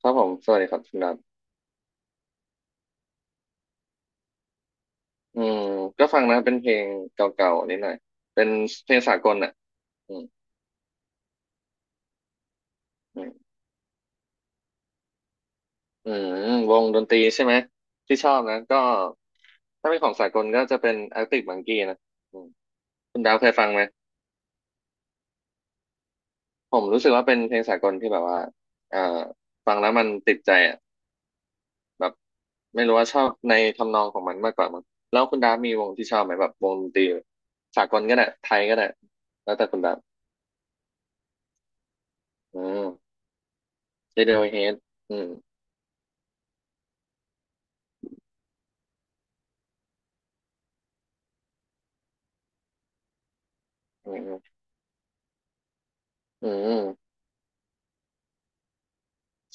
ครับผมสวัสดีครับคุณดัทอืมก็ฟังนะเป็นเพลงเก่าๆนิดหน่อยเป็นเพลงสากลอ่ะอืมอืมอืมวงดนตรีใช่ไหมที่ชอบนะก็ถ้าเป็นของสากลก็จะเป็น Arctic Monkey นะอืมคุณดาวเคยฟังไหมผมรู้สึกว่าเป็นเพลงสากลที่แบบว่าเอ่อฟังแล้วมันติดใจอ่ะแบบไม่รู้ว่าชอบในทำนองของมันมากกว่ามั้งแล้วคุณดาฟมีวงที่ชอบไหมแบบวงดนตรีสากลก็ได้ไทยก็ได้แล้วแต่คุณดาวอืม Radiohead อืม อืมอืม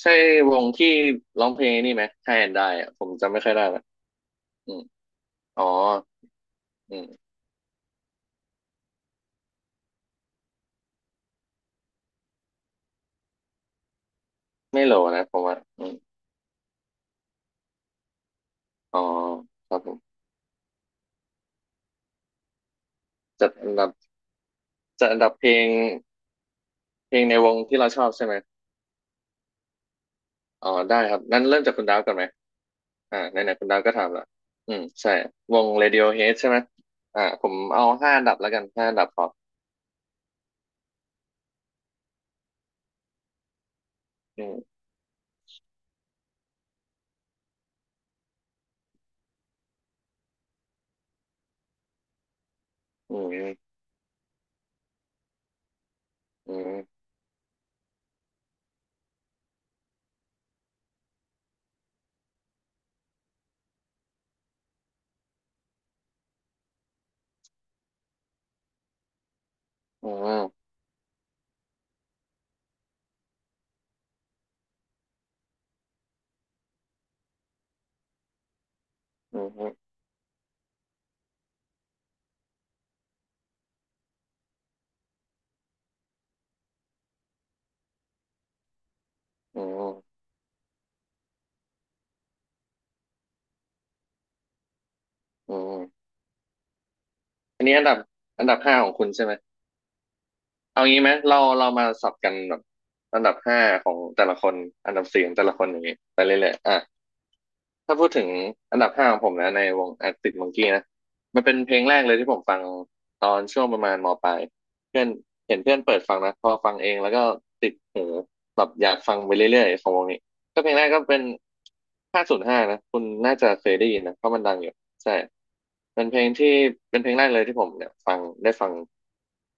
ใช่วงที่ร้องเพลงนี่ไหมใช่ได้อะผมจำไม่ค่อยได้ละอืมอ๋ออืมไม่โหลนะผมว่าอืมอ๋อครับผมจัดอันดับจัดอันดับเพลงเพลงในวงที่เราชอบใช่ไหมอ๋อได้ครับงั้นเริ่มจากคุณดาวก่อนไหมอ่าไหนๆคุณดาวก็ถามละอืมใช่วง Radiohead ใช่ไหมอ่าผมเอาห้าอันดับแล้วกันห้าอันดับครับอืมอืมอืมอืมอืมอืมอืมอืมอันนี้อันดับอันดับห้าของคุณใช่ไหม เอางี้ไหมเราเรามาสับกันแบบอันดับห้าของแต่ละคนอันดับสี่ของแต่ละคนอย่างงี้ไปเรื่อยๆอ่ะ ถ้าพูดถึงอันดับห้าของผมนะในวง Arctic Monkey นะมันเป็นเพลงแรกเลยที่ผมฟังตอนช่วงประมาณมปลายเพื่อนเห็นเพื่อนเปิดฟังนะพอฟังเองแล้วก็ติดหูแบบอยากฟังไปเรื่อยๆของวงนี้ก็เพลงแรกก็เป็น505นะคุณน่าจะเคยได้ยินนะเพราะมันดังอยู่ใช่เป็นเพลงที่เป็นเพลงแรกเลยที่ผมเนี่ยฟังได้ฟัง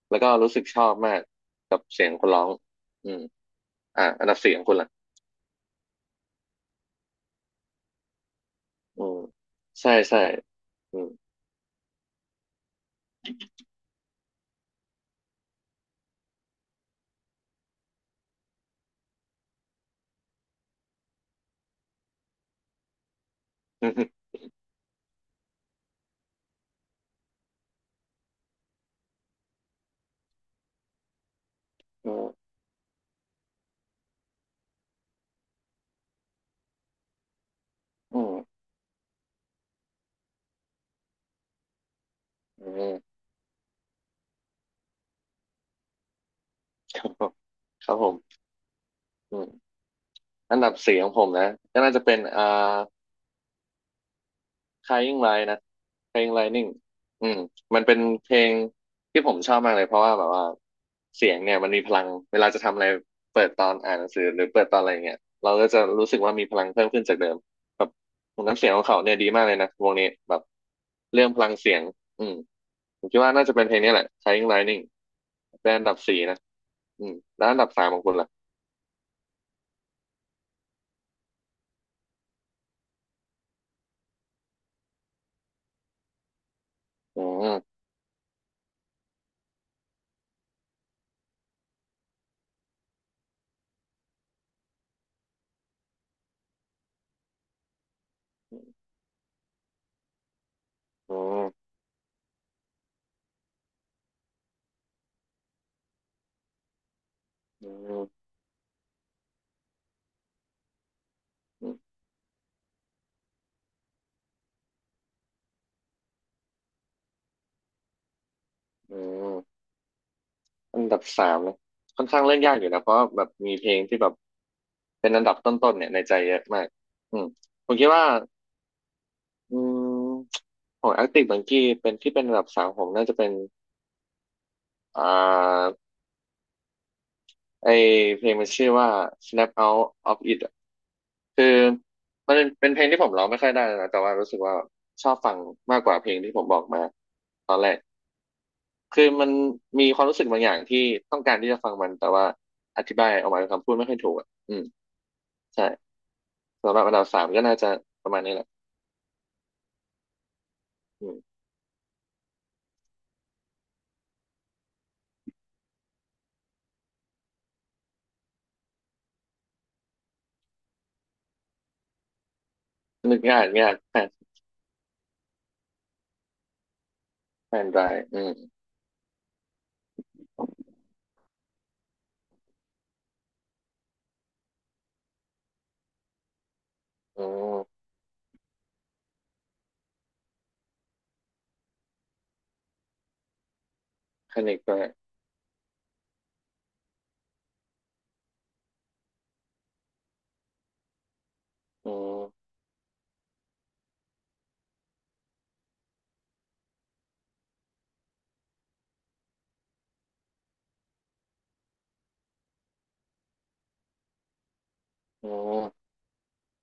แล้วก็รู้สึกชอบมากกับเสียงคนร้องอืมอ่าอันดับสี่ของคุณล่ะอืมใช่ใช่อืม อืมอืม ครับผมครับผมอืมอันดับสี่ของผมนะก็น่าจะเป็นอ่า Crying Light นะ Crying Lightning อืมมันเป็นเพลงที่ผมชอบมากเลยเพราะว่าแบบว่าเสียงเนี่ยมันมีพลังเวลาจะทำอะไรเปิดตอนอ่านหนังสือหรือเปิดตอนอะไรเงี้ยเราก็จะรู้สึกว่ามีพลังเพิ่มขึ้นจากเดิมแบบน้ำเสียงของเขาเนี่ยดีมากเลยนะวงนี้แบบเรื่องพลังเสียงอืมผมคิดว่าน่าจะเป็นเพลงนี้แหละ Crying Lightning เป็นอันดับสี่นะอืมแล้วอันดับสามของคุณล่ะ อืมอืมอืมอืมอืมอันดับสามนะค่อนข้างเล่นยากอยู่นะเพราะแบบมีเพลงที่แบบเป็นอันดับต้นๆเนี่ยในใจเยอะมากอืมผมคิดว่าอืมของ Arctic Monkey เป็นที่เป็นอันดับสามผมน่าจะเป็นอ่าไอเพลงมันชื่อว่า Snap Out of It อะคือมันเป็นเพลงที่ผมร้องไม่ค่อยได้นะแต่ว่ารู้สึกว่าชอบฟังมากกว่าเพลงที่ผมบอกมา คือมันมีความรู้สึกบางอย่างที่ต้องการที่จะฟังมันแต่ว่าอธิบายออกมาเป็นคำพูดไม่ค่อยถูกอ่ะอืมใช่สำหรับอันดับสามก็น่าจะประมาณนี้แหละอืมนึกง่ายนึกง่ายแฟนแฟนรายอืมอืมคนิกด้วยอืมอืม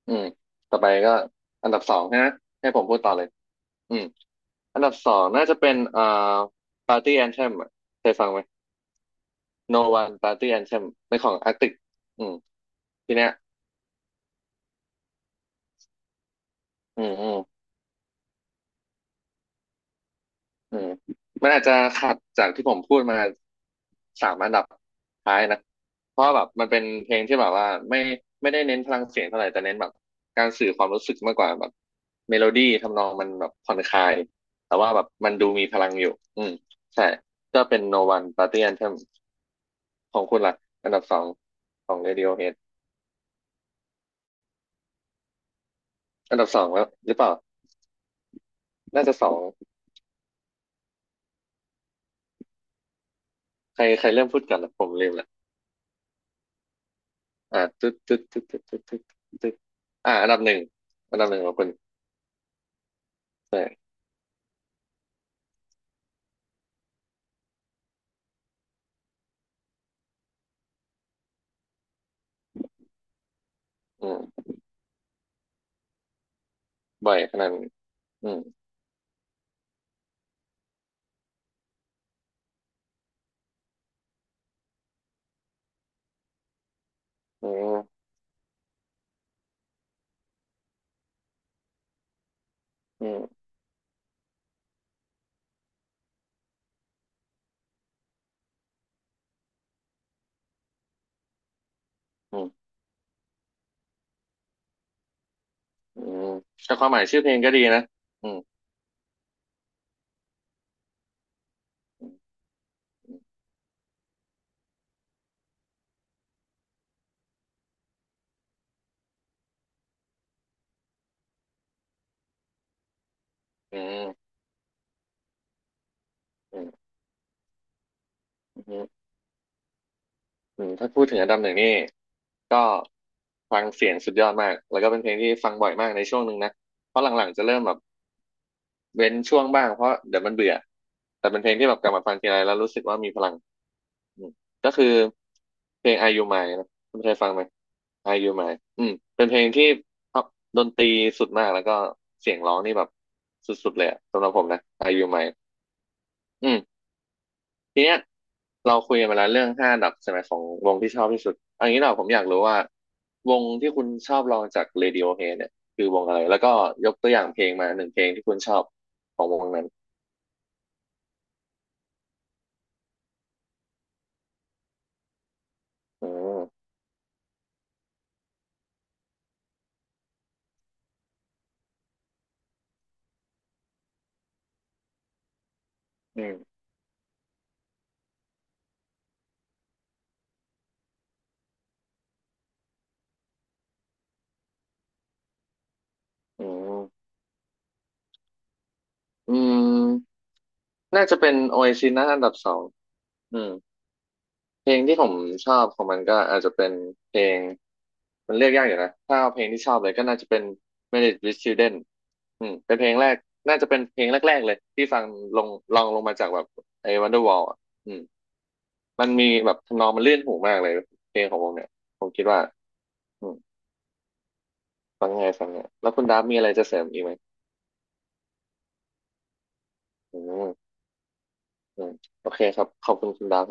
อืมต่อไปก็อันดับสองนะให้ผมพูดต่อเลยอืมอันดับสองน่าจะเป็นParty Anthem อะเคยฟังไหม No One Party Anthem เป็นของ Arctic อืมทีเนี้ยอืมอืม อืมมันอาจจะขัดจากที่ผมพูดมาสามอันดับท้ายนะเพราะแบบมันเป็นเพลงที่แบบว่าไม่ได้เน้นพลังเสียงเท่าไหร่แต่เน้นแบบการสื่อความรู้สึกมากกว่าแบบเมโลดี้ทำนองมันแบบผ่อนคลายแต่ว่าแบบมันดูมีพลังอยู่อืมใช่ก็เป็น No One Party Anthem ของคุณล่ะอันดับสองของ Radiohead อันดับสองแล้วหรือเปล่าน่าจะสองใครใครเริ่มพูดกันล่ะผมลืมละอ่าตึ๊ดตึ๊ดตึ๊ดตึ๊ดตึ๊ดตึ๊ดตึ๊ดอ่าอันดับหนึ่งอันดับหนึ่งของคุณ ใช่กอืมบ่อยขนาดนั้นอืมอืมอืมอืมอืมแต่ความหมายชื่อเพลงก็ดีนะอืมอืมอืมอืมอืมถ้าพูดถึงอันดับหนึ่งนี่ก็ฟังเสียงสุดยอดมาก แล้วก็เป็นเพลงที่ฟังบ่อยมากในช่วงหนึ่งนะ เพราะหลังๆจะเริ่มแบบเว้นช่วงบ้างเพราะเดี๋ยวมันเบื่อ แต่เป็นเพลงที่แบบกลับมาฟังทีไรแล้วรู้สึกว่ามีพลัง อืมก็คือเพลง Are You Mine นะคุณเคยฟังไหม Are You Mine อืมเป็นเพลงที่เอาดนตรีสุดมากแล้วก็เสียงร้องนี่แบบสุดๆเลยอะสำหรับผมนะ Are You Mine อืมทีเนี้ยเราคุยกันมาแล้วเรื่องห้าอันดับใช่ไหมของวงที่ชอบที่สุดอันนี้เราผมอยากรู้ว่าวงที่คุณชอบลองจาก Radiohead เนี่ยคือวงอะไรแล้วก็ยกตัวอย่างเพลงมาหนึ่งเพลงที่คุณชอบของวงนั้นอืมอืมอืมอืมน่าจะเป็น Oasis นะอันดับสองอืม เพลงที่ผมชอบของมันก็อาจจะเป็นเพลงมันเลือกยากอยู่นะถ้าเอาเพลงที่ชอบเลยก็น่าจะเป็น Married with Children อืมเป็นเพลงแรกน่าจะเป็นเพลงแรกๆเลยที่ฟังลงลองลงมาจากแบบไอ้ Wonderwall อ่ะอืมมันมีแบบทำนองมันลื่นหูมากเลยเพลงของวงเนี่ยผมคิดว่าอืมฟังไงฟังเนี่ยแล้วคุณดับมีอะไรจะเสริมอีกไหมอืมอืมโอเคครับขอบคุณคุณดับ